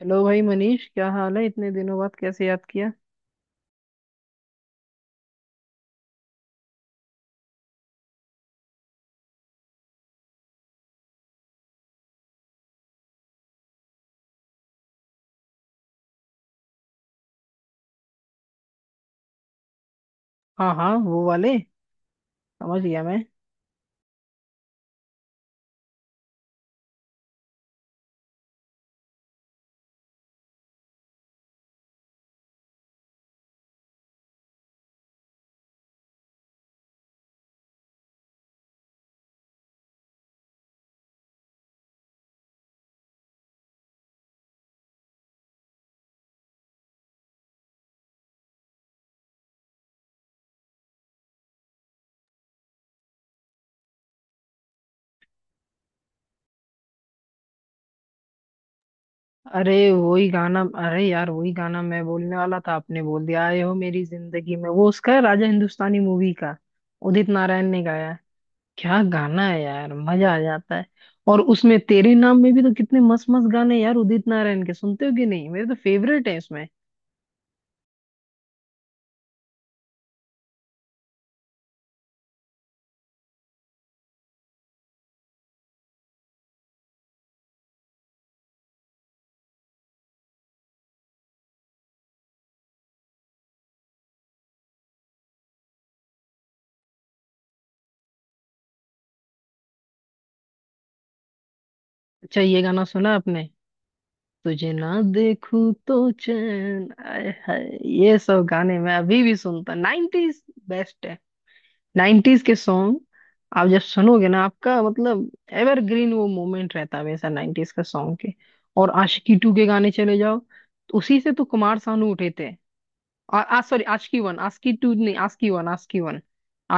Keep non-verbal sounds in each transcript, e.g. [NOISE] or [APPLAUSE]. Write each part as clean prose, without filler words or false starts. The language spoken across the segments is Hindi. हेलो भाई मनीष, क्या हाल है? इतने दिनों बाद कैसे याद किया। हाँ हाँ, वो वाले। समझ गया मैं। अरे वही गाना, अरे यार वही गाना मैं बोलने वाला था, आपने बोल दिया। आए हो मेरी जिंदगी में, वो उसका है, राजा हिंदुस्तानी मूवी का। उदित नारायण ने गाया है। क्या गाना है यार, मजा आ जाता है। और उसमें तेरे नाम में भी तो कितने मस्त मस्त गाने हैं यार, उदित नारायण के। सुनते हो कि नहीं? मेरे तो फेवरेट है इसमें। अच्छा, ये गाना सुना आपने? तुझे ना देखूं तो चैन आए हाय। ये सब गाने मैं अभी भी सुनता, 90s बेस्ट है। 90s के सॉन्ग आप जब सुनोगे ना, आपका मतलब एवरग्रीन वो मोमेंट रहता है हमेशा 90s का सॉन्ग के। और आशिकी टू के गाने चले जाओ तो उसी से तो कुमार सानू उठे थे। और आ sorry, Aashiqui one, Aashiqui two नहीं, Aashiqui one Aashiqui one.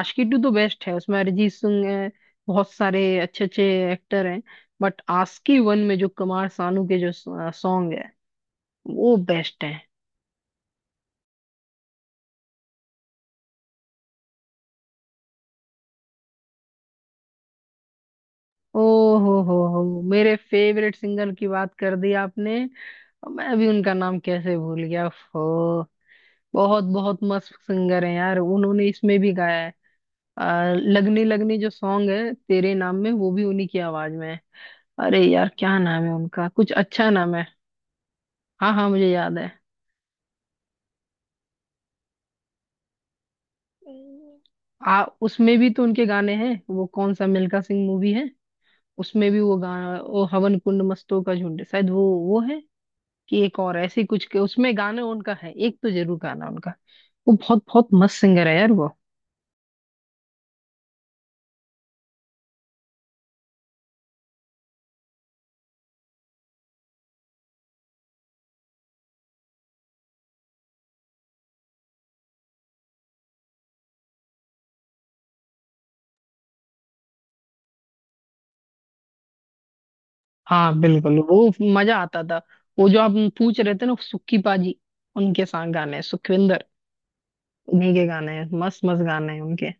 Aashiqui two तो बेस्ट है, उसमें अरिजीत सिंह है, बहुत सारे अच्छे अच्छे एक्टर हैं। बट आशिकी वन में जो कुमार सानू के जो सॉन्ग, वो बेस्ट है। ओ हो, मेरे फेवरेट सिंगर की बात कर दी आपने। मैं भी उनका नाम कैसे भूल गया। हो, बहुत बहुत मस्त सिंगर है यार, उन्होंने इसमें भी गाया है। लगनी लगनी जो सॉन्ग है तेरे नाम में वो भी उन्हीं की आवाज में है। अरे यार क्या नाम है उनका, कुछ अच्छा नाम है। हाँ हाँ, मुझे याद है। आ उसमें भी तो उनके गाने हैं, वो कौन सा मिल्खा सिंह मूवी है, उसमें भी वो गाना, वो हवन कुंड मस्तों का झुंड, शायद वो है। कि एक और ऐसे ही कुछ के उसमें गाने, उनका है, एक तो जरूर गाना उनका। वो बहुत बहुत मस्त सिंगर है यार, वो। हाँ बिल्कुल, वो मजा आता था। वो जो आप पूछ रहे थे ना, सुक्की पाजी, उनके साथ गाने हैं, सुखविंदर, उन्हीं के गाने हैं, मस्त मस्त गाने हैं उनके।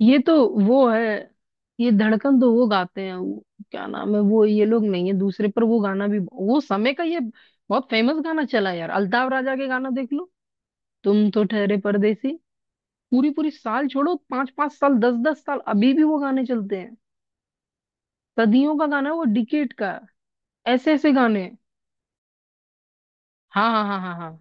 ये तो वो है। ये धड़कन तो वो गाते हैं, वो क्या नाम है, वो ये लोग नहीं है, दूसरे पर। वो गाना भी वो समय का ये बहुत फेमस गाना चला है यार। अल्ताव राजा के गाना देख लो, तुम तो ठहरे परदेसी। पूरी पूरी साल छोड़ो, पांच पांच साल, दस दस साल, अभी भी वो गाने चलते हैं। सदियों का गाना है वो, डिकेट का है। ऐसे ऐसे गाने। हाँ हाँ हाँ हाँ हाँ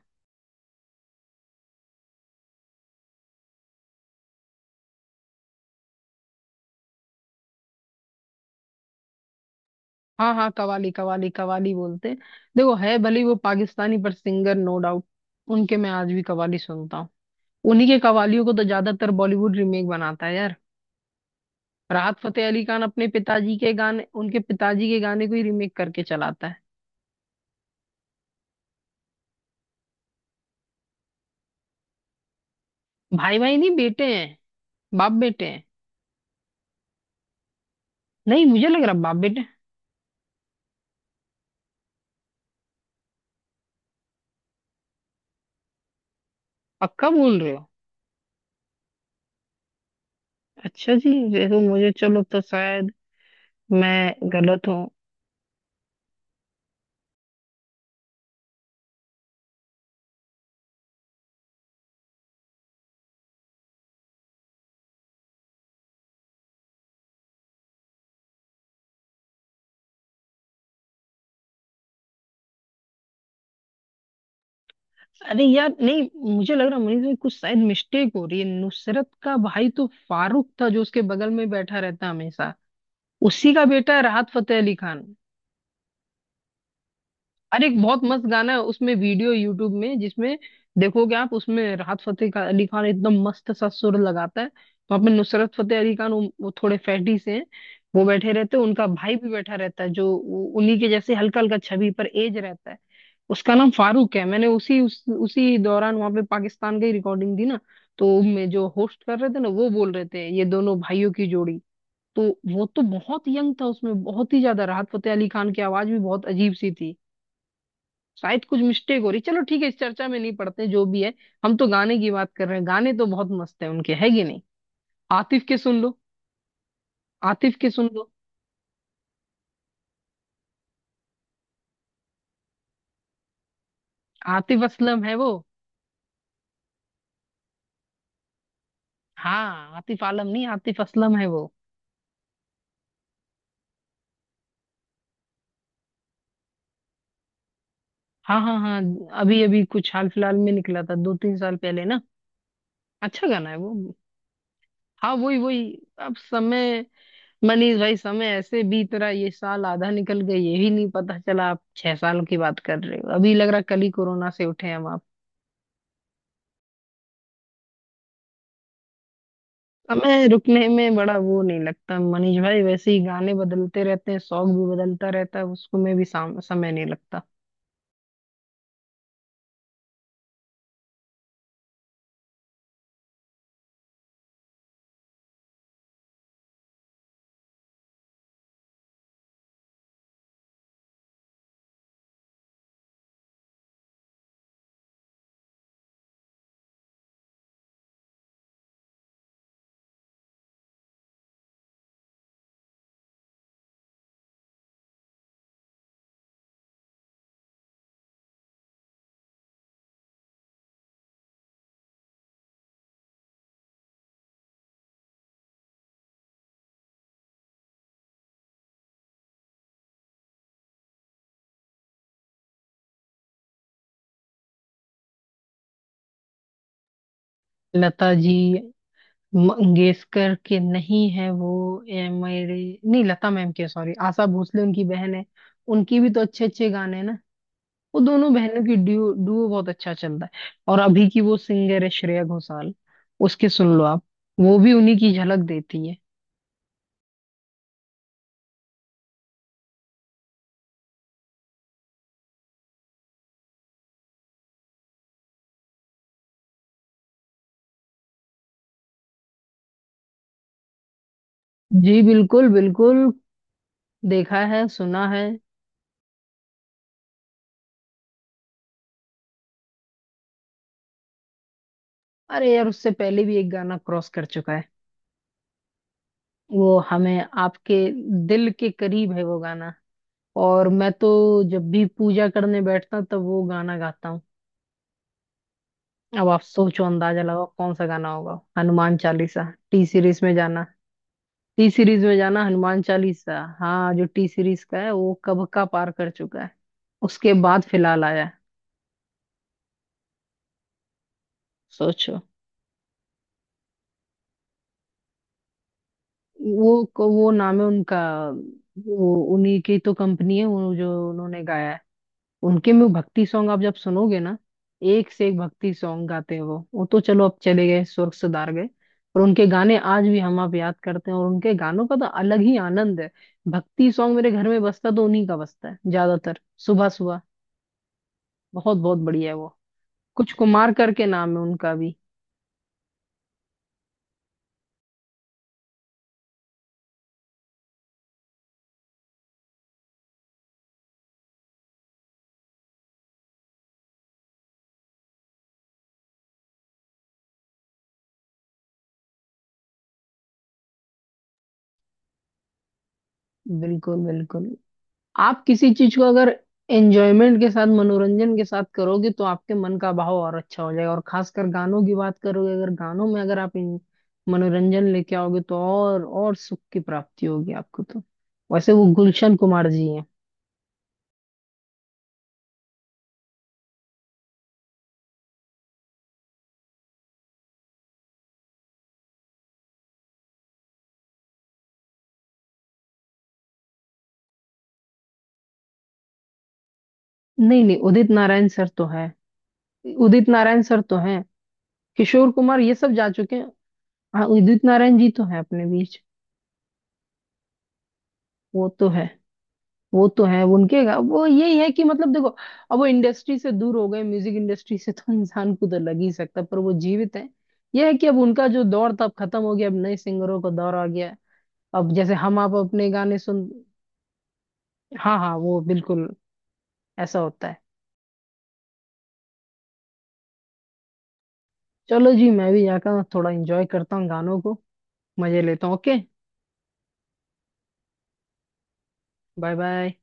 हाँ हाँ, कवाली कवाली कवाली बोलते हैं। देखो, है भले ही वो पाकिस्तानी, पर सिंगर नो डाउट। उनके मैं आज भी कवाली सुनता हूँ। उन्हीं के कवालियों को तो ज्यादातर बॉलीवुड रीमेक बनाता है यार। राहत फतेह अली खान अपने पिताजी के गाने, उनके पिताजी के गाने को ही रीमेक करके चलाता है। भाई भाई नहीं, बेटे हैं, बाप बेटे हैं। नहीं, मुझे लग रहा बाप बेटे। पक्का बोल रहे हो? अच्छा जी, देखो मुझे, चलो तो शायद मैं गलत हूँ। अरे यार नहीं, मुझे लग रहा मुनीष भाई कुछ शायद मिस्टेक हो रही है। नुसरत का भाई तो फारूक था, जो उसके बगल में बैठा रहता हमेशा। उसी का बेटा है राहत फतेह अली खान। अरे एक बहुत मस्त गाना है उसमें, वीडियो यूट्यूब में, जिसमें देखोगे आप, उसमें राहत अली खान एकदम मस्त सा सुर लगाता है। वहां पे नुसरत फतेह अली खान वो थोड़े फैटी से हैं। वो बैठे रहते हैं, उनका भाई भी बैठा रहता है, जो वो उन्हीं के जैसे हल्का हल्का छवि पर एज रहता है। उसका नाम फारूक है। मैंने उसी दौरान वहां पे पाकिस्तान की रिकॉर्डिंग दी ना, तो मैं जो होस्ट कर रहे थे ना, वो बोल रहे थे ये दोनों भाइयों की जोड़ी। तो वो तो बहुत यंग था उसमें, बहुत ही ज्यादा। राहत फतेह अली खान की आवाज भी बहुत अजीब सी थी। शायद कुछ मिस्टेक हो रही, चलो ठीक है, इस चर्चा में नहीं पड़ते, जो भी है। हम तो गाने की बात कर रहे हैं। गाने तो बहुत मस्त है उनके, है कि नहीं? आतिफ के सुन लो, आतिफ के सुन लो। आतिफ असलम है वो। हाँ, आतिफ आलम नहीं, आतिफ असलम है वो। हाँ हाँ हाँ। अभी अभी कुछ हाल फिलहाल में निकला था, दो तीन साल पहले ना। अच्छा गाना है वो। हाँ वही वही। अब समय, मनीष भाई, समय ऐसे बीत रहा है, ये साल आधा निकल गया ये भी नहीं पता चला। आप छह साल की बात कर रहे हो, अभी लग रहा कल ही कोरोना से उठे हम। हमें रुकने में बड़ा वो नहीं लगता मनीष भाई, वैसे ही गाने बदलते रहते हैं, शौक भी बदलता रहता है, उसको में भी समय नहीं लगता। लता जी मंगेशकर के नहीं है वो। ये मेरे, नहीं, लता मैम के। सॉरी, आशा भोसले उनकी बहन है। उनकी भी तो अच्छे अच्छे गाने हैं ना। वो दोनों बहनों की ड्यू डुओ बहुत अच्छा चलता है। और अभी की वो सिंगर है श्रेया घोषाल, उसके सुन लो आप। वो भी उन्हीं की झलक देती है। जी बिल्कुल बिल्कुल, देखा है सुना है। अरे यार उससे पहले भी एक गाना क्रॉस कर चुका है, वो हमें आपके दिल के करीब है वो गाना। और मैं तो जब भी पूजा करने बैठता हूँ तब वो गाना गाता हूँ। अब आप सोचो, अंदाजा लगाओ कौन सा गाना होगा, हनुमान चालीसा। टी सीरीज में जाना, टी सीरीज में जाना, हनुमान चालीसा। हाँ, जो टी सीरीज का है वो कब का पार कर चुका है। उसके बाद फिलहाल आया है। सोचो, वो वो नाम है उनका, वो उन्हीं की तो कंपनी है, वो जो उन्होंने गाया है। उनके में वो भक्ति सॉन्ग आप जब सुनोगे ना, एक से एक भक्ति सॉन्ग गाते हैं वो। वो तो चलो अब चले गए, स्वर्ग सुधार गए। पर उनके गाने आज भी हम आप याद करते हैं, और उनके गानों का तो अलग ही आनंद है। भक्ति सॉन्ग मेरे घर में बजता तो उन्हीं का बजता है ज्यादातर, सुबह सुबह। बहुत बहुत बढ़िया है वो। कुछ कुमार करके नाम है उनका भी। बिल्कुल बिल्कुल। आप किसी चीज को अगर एंजॉयमेंट के साथ, मनोरंजन के साथ करोगे तो आपके मन का बहाव और अच्छा हो जाएगा। और खासकर गानों की बात करोगे, अगर गानों में अगर आप मनोरंजन लेके आओगे तो और सुख की प्राप्ति होगी आपको तो। वैसे वो गुलशन कुमार जी हैं। नहीं नहीं, उदित नारायण सर तो हैं। उदित नारायण सर तो हैं। किशोर कुमार ये सब जा चुके हैं। हाँ, उदित नारायण जी तो हैं अपने बीच। वो तो है, वो तो है। उनके वो यही है कि मतलब देखो, अब वो इंडस्ट्री से दूर हो गए, म्यूजिक इंडस्ट्री से तो [LAUGHS] इंसान खुद लग ही सकता है, पर वो जीवित है। यह है कि अब उनका जो दौर था अब खत्म हो गया, अब नए सिंगरों का दौर आ गया है। अब जैसे हम आप अपने गाने सुन। हाँ हाँ, वो बिल्कुल, ऐसा होता है। चलो जी, मैं भी जाकर थोड़ा एंजॉय करता हूँ गानों को, मजे लेता हूँ। ओके। Bye bye.